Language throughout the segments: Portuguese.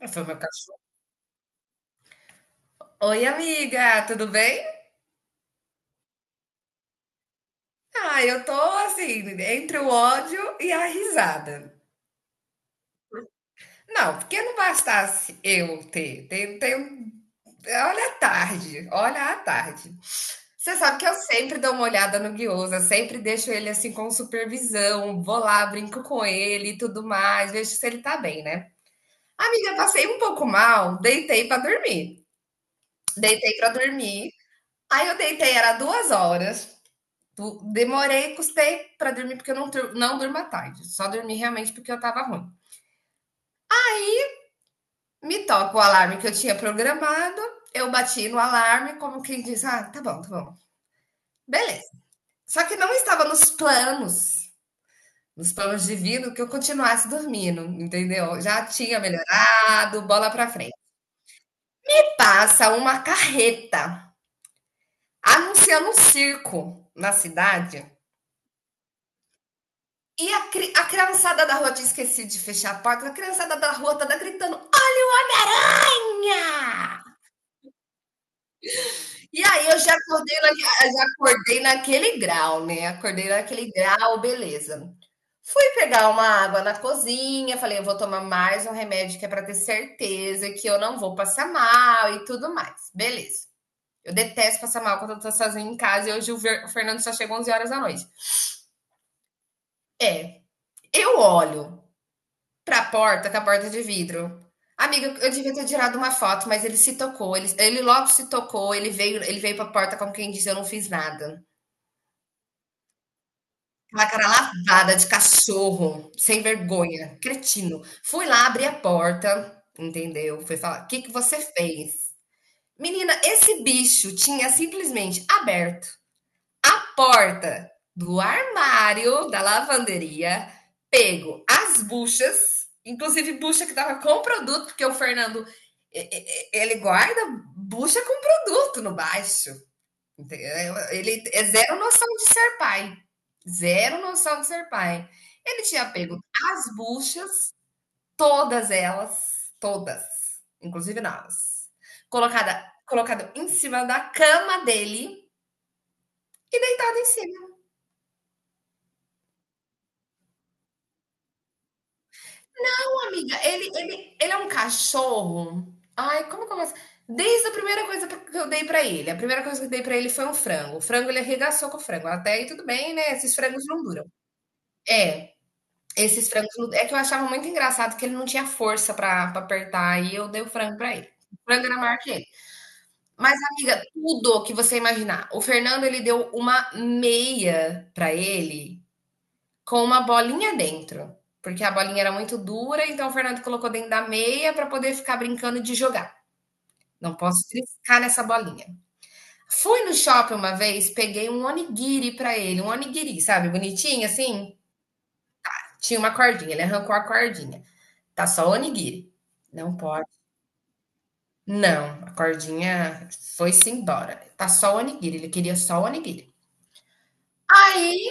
Ah, foi meu cachorro. Oi, amiga, tudo bem? Ah, eu tô assim, entre o ódio e a risada. Não, porque não bastasse eu ter, olha a tarde, olha a tarde. Você sabe que eu sempre dou uma olhada no Guiosa, sempre deixo ele assim com supervisão, vou lá, brinco com ele e tudo mais, vejo se ele tá bem, né? Amiga, passei um pouco mal, deitei pra dormir. Deitei pra dormir. Aí eu deitei, era 2 horas. Tipo, demorei, custei para dormir porque eu não, não durmo à tarde. Só dormi realmente porque eu estava ruim. Me toca o alarme que eu tinha programado. Eu bati no alarme, como quem diz: ah, tá bom, tá bom. Beleza. Só que não estava nos planos divinos, que eu continuasse dormindo, entendeu? Já tinha melhorado, bola para frente. Passa uma carreta anunciando um circo na cidade. E a, a criançada da rua tinha esquecido de fechar a porta. A criançada da rua tava gritando: e aí eu já já acordei naquele grau, né? Acordei naquele grau, beleza. Fui pegar uma água na cozinha, falei, eu vou tomar mais um remédio que é para ter certeza que eu não vou passar mal e tudo mais. Beleza. Eu detesto passar mal quando eu tô sozinha em casa e hoje o o Fernando só chegou 11 horas da noite. É, eu olho pra porta, com a porta de vidro. Amiga, eu devia ter tirado uma foto, mas ele se tocou, ele logo se tocou, ele veio pra porta como quem diz: "Eu não fiz nada". Aquela cara lavada de cachorro, sem vergonha, cretino. Fui lá, abri a porta, entendeu, fui falar: o "Que que você fez?". Menina, esse bicho tinha simplesmente aberto porta do armário da lavanderia, pego as buchas, inclusive bucha que tava com produto, porque o Fernando ele guarda bucha com produto no baixo. Ele é zero noção de ser pai. Zero noção de ser pai. Ele tinha pego as buchas, todas elas, todas, inclusive nós, colocado em cima da cama dele, deitado em cima. Amiga, ele é um cachorro. Ai, como que eu posso? Desde a primeira coisa que eu dei pra ele, a primeira coisa que eu dei pra ele foi um frango. O frango ele arregaçou com o frango. Até aí tudo bem, né? Esses frangos não duram. É, esses frangos não- é que eu achava muito engraçado que ele não tinha força pra apertar e eu dei o frango pra ele. O frango era maior que ele. Mas amiga, tudo que você imaginar. O Fernando ele deu uma meia pra ele com uma bolinha dentro, porque a bolinha era muito dura, então o Fernando colocou dentro da meia para poder ficar brincando de jogar. Não posso triscar nessa bolinha. Fui no shopping uma vez, peguei um onigiri para ele, um onigiri, sabe, bonitinho assim. Tinha uma cordinha, ele arrancou a cordinha. Tá só onigiri. Não pode. Não, a cordinha foi-se embora. Tá só o onigiri, ele queria só o onigiri. Aí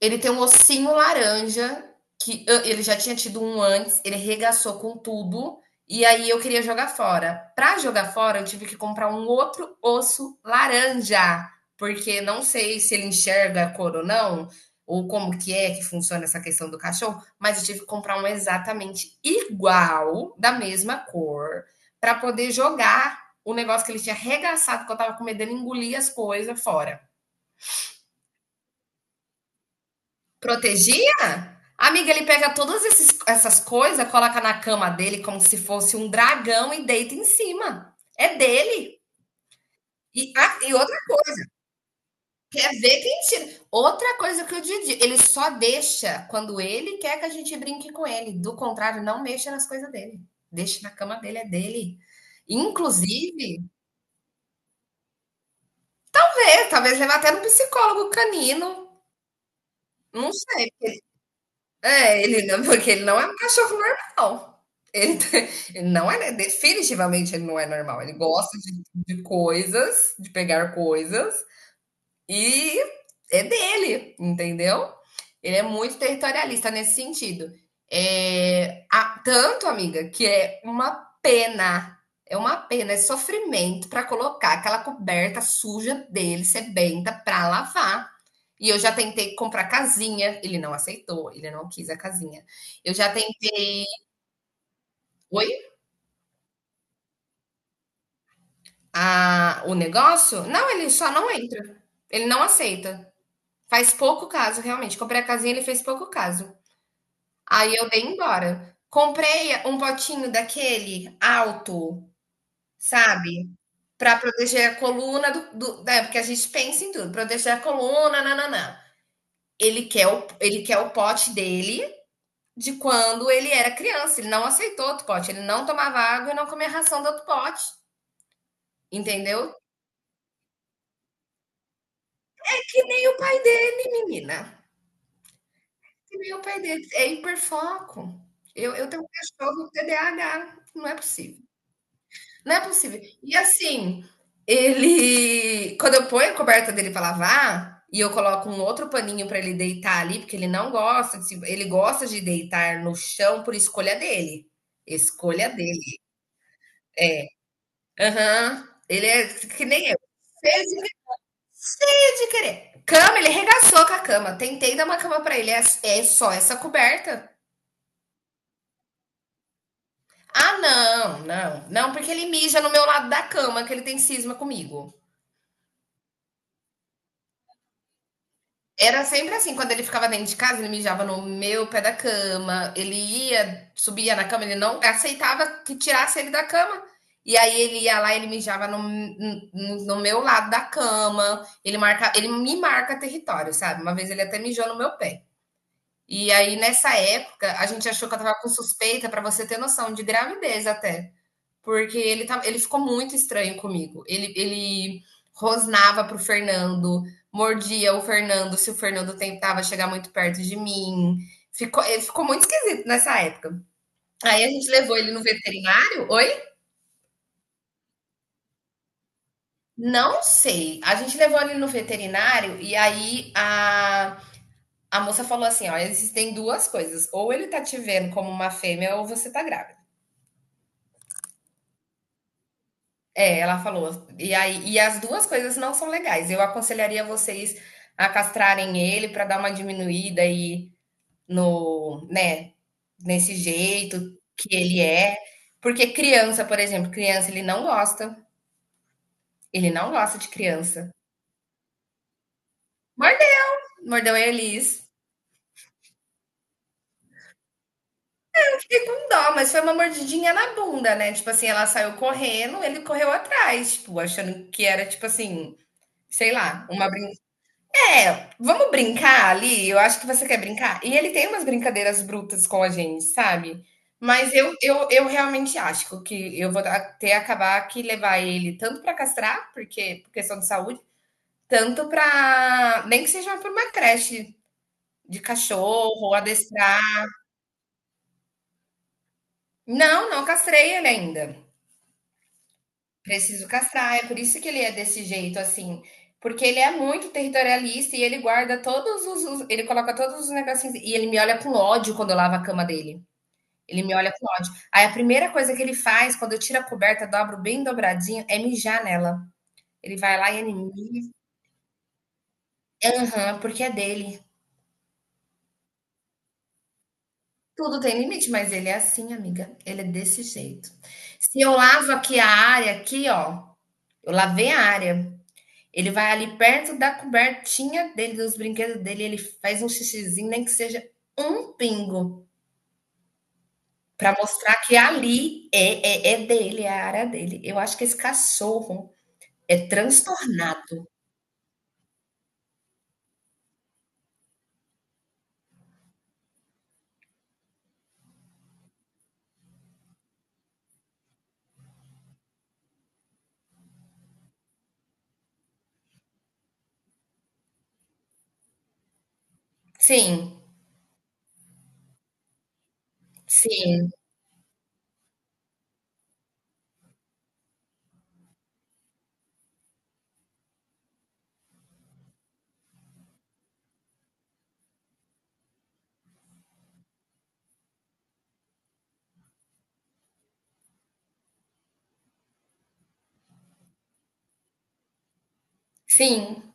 ele tem um ossinho laranja, que ah, ele já tinha tido um antes, ele regaçou com tudo, e aí eu queria jogar fora. Para jogar fora, eu tive que comprar um outro osso laranja, porque não sei se ele enxerga a cor ou não, ou como que é que funciona essa questão do cachorro, mas eu tive que comprar um exatamente igual, da mesma cor, para poder jogar o negócio que ele tinha arregaçado, que eu tava com medo dele engolir as coisas fora. Protegia? Amiga, ele pega essas coisas, coloca na cama dele como se fosse um dragão e deita em cima. É dele. E, ah, e outra, quer ver quem tira. Outra coisa que o Didi, ele só deixa quando ele quer que a gente brinque com ele. Do contrário, não mexa nas coisas dele. Deixa na cama dele, é dele. Inclusive, vamos ver, talvez levar até no psicólogo canino. Não, é, ele não, porque ele não é um cachorro normal. Ele, ele não é, definitivamente ele não é normal. Ele gosta de, coisas, de pegar coisas, e é dele, entendeu? Ele é muito territorialista nesse sentido. É, tanto, amiga, que é pena, é uma pena, é sofrimento para colocar aquela coberta suja dele, sebenta, para lavar. E eu já tentei comprar casinha, ele não aceitou, ele não quis a casinha. Eu já tentei. Oi? A o negócio? Não, ele só não entra. Ele não aceita. Faz pouco caso, realmente. Comprei a casinha, ele fez pouco caso. Aí eu dei embora. Comprei um potinho daquele alto, sabe? Para proteger a coluna do, né? Porque a gente pensa em tudo, proteger a coluna, nananã. Ele quer ele quer o pote dele de quando ele era criança. Ele não aceitou outro pote, ele não tomava água e não comia ração do outro pote, entendeu? E nem o pai dele, menina. E nem o pai dele. É hiperfoco. Eu tenho um cachorro TDAH. Não é possível. Não é possível. E assim, ele. Quando eu ponho a coberta dele para lavar. E eu coloco um outro paninho para ele deitar ali, porque ele não gosta. De ele gosta de deitar no chão por escolha dele. Escolha dele. Aham. Ele é que nem eu. Cheio de, cheio de querer. Cama, ele regaçou com a cama. Tentei dar uma cama pra ele. É, é só essa coberta. Ah, não, não, não, porque ele mija no meu lado da cama, que ele tem cisma comigo. Era sempre assim, quando ele ficava dentro de casa, ele mijava no meu pé da cama, ele ia, subia na cama, ele não aceitava que tirasse ele da cama. E aí ele ia lá, ele mijava no meu lado da cama, ele marca, ele me marca território, sabe? Uma vez ele até mijou no meu pé. E aí nessa época, a gente achou que eu tava com suspeita, pra você ter noção, de gravidez até. Porque ele, tá, ele ficou muito estranho comigo. Ele rosnava pro Fernando, mordia o Fernando se o Fernando tentava chegar muito perto de mim. Ele ficou muito esquisito nessa época. Aí a gente levou ele no veterinário. Oi? Não sei. A gente levou ele no veterinário e a moça falou assim: ó, existem duas coisas. Ou ele tá te vendo como uma fêmea, ou você tá grávida. É, ela falou. E aí, e as duas coisas não são legais. Eu aconselharia vocês a castrarem ele para dar uma diminuída aí no, né, nesse jeito que ele é. Porque criança, por exemplo, criança ele não gosta. Ele não gosta de criança. Mordeu, mordeu a Elis. Eu fiquei com dó, mas foi uma mordidinha na bunda, né? Tipo assim, ela saiu correndo, ele correu atrás, tipo, achando que era, tipo assim, sei lá, uma brin é, vamos brincar ali? Eu acho que você quer brincar. E ele tem umas brincadeiras brutas com a gente, sabe? Mas eu realmente acho que eu vou até acabar que levar ele tanto para castrar, porque por questão de saúde, tanto para nem que seja para uma creche de cachorro, adestrar. Não, não castrei ele ainda. Preciso castrar, é por isso que ele é desse jeito, assim. Porque ele é muito territorialista e ele guarda ele coloca todos os negocinhos. E ele me olha com ódio quando eu lavo a cama dele. Ele me olha com ódio. Aí a primeira coisa que ele faz, quando eu tiro a coberta, dobro bem dobradinho, é mijar nela. Ele vai lá e ele mija. Aham, porque é dele. Tudo tem limite, mas ele é assim, amiga. Ele é desse jeito. Se eu lavo aqui a área, aqui, ó. Eu lavei a área. Ele vai ali perto da cobertinha dele, dos brinquedos dele, ele faz um xixizinho, nem que seja um pingo, para mostrar que ali é dele, é a área dele. Eu acho que esse cachorro é transtornado. Sim, sim, sim.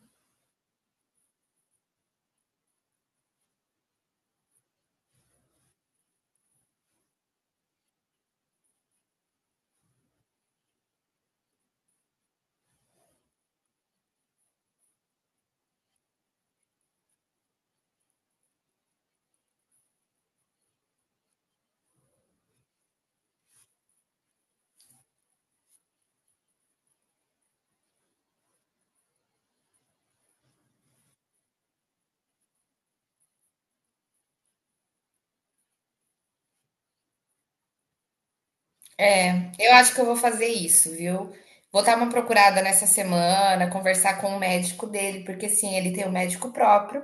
É, eu acho que eu vou fazer isso, viu? Vou dar uma procurada nessa semana, conversar com o médico dele, porque sim, ele tem um médico próprio,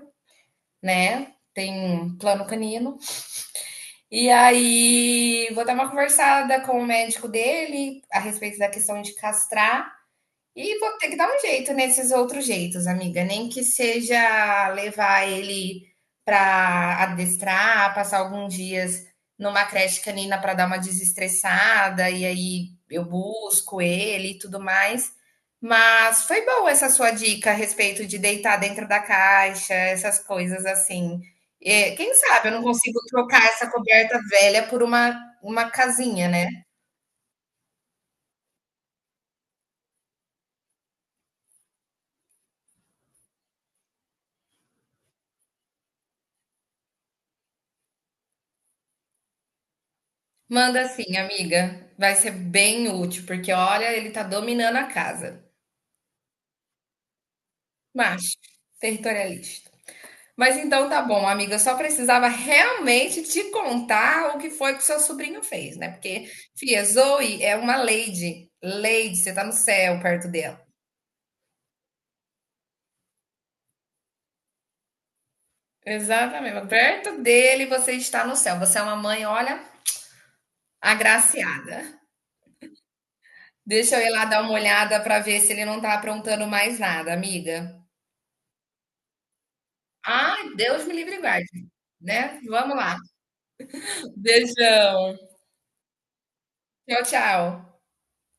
né? Tem um plano canino. E aí, vou dar uma conversada com o médico dele a respeito da questão de castrar. E vou ter que dar um jeito nesses outros jeitos, amiga. Nem que seja levar ele para adestrar, passar alguns dias numa creche canina para dar uma desestressada, e aí eu busco ele e tudo mais. Mas foi boa essa sua dica a respeito de deitar dentro da caixa, essas coisas assim. É, quem sabe eu não consigo trocar essa coberta velha por uma casinha, né? Manda sim, amiga. Vai ser bem útil, porque olha, ele tá dominando a casa. Macho, territorialista. Mas então tá bom, amiga. Eu só precisava realmente te contar o que foi que o seu sobrinho fez, né? Porque, filha, Zoe é uma lady. Lady, você tá no céu perto dela. Exatamente. Perto dele você está no céu. Você é uma mãe, olha, agraciada. Deixa eu ir lá dar uma olhada pra ver se ele não tá aprontando mais nada, amiga. Ah, Deus me livre e guarde, né? Vamos lá. Beijão. Tchau, tchau.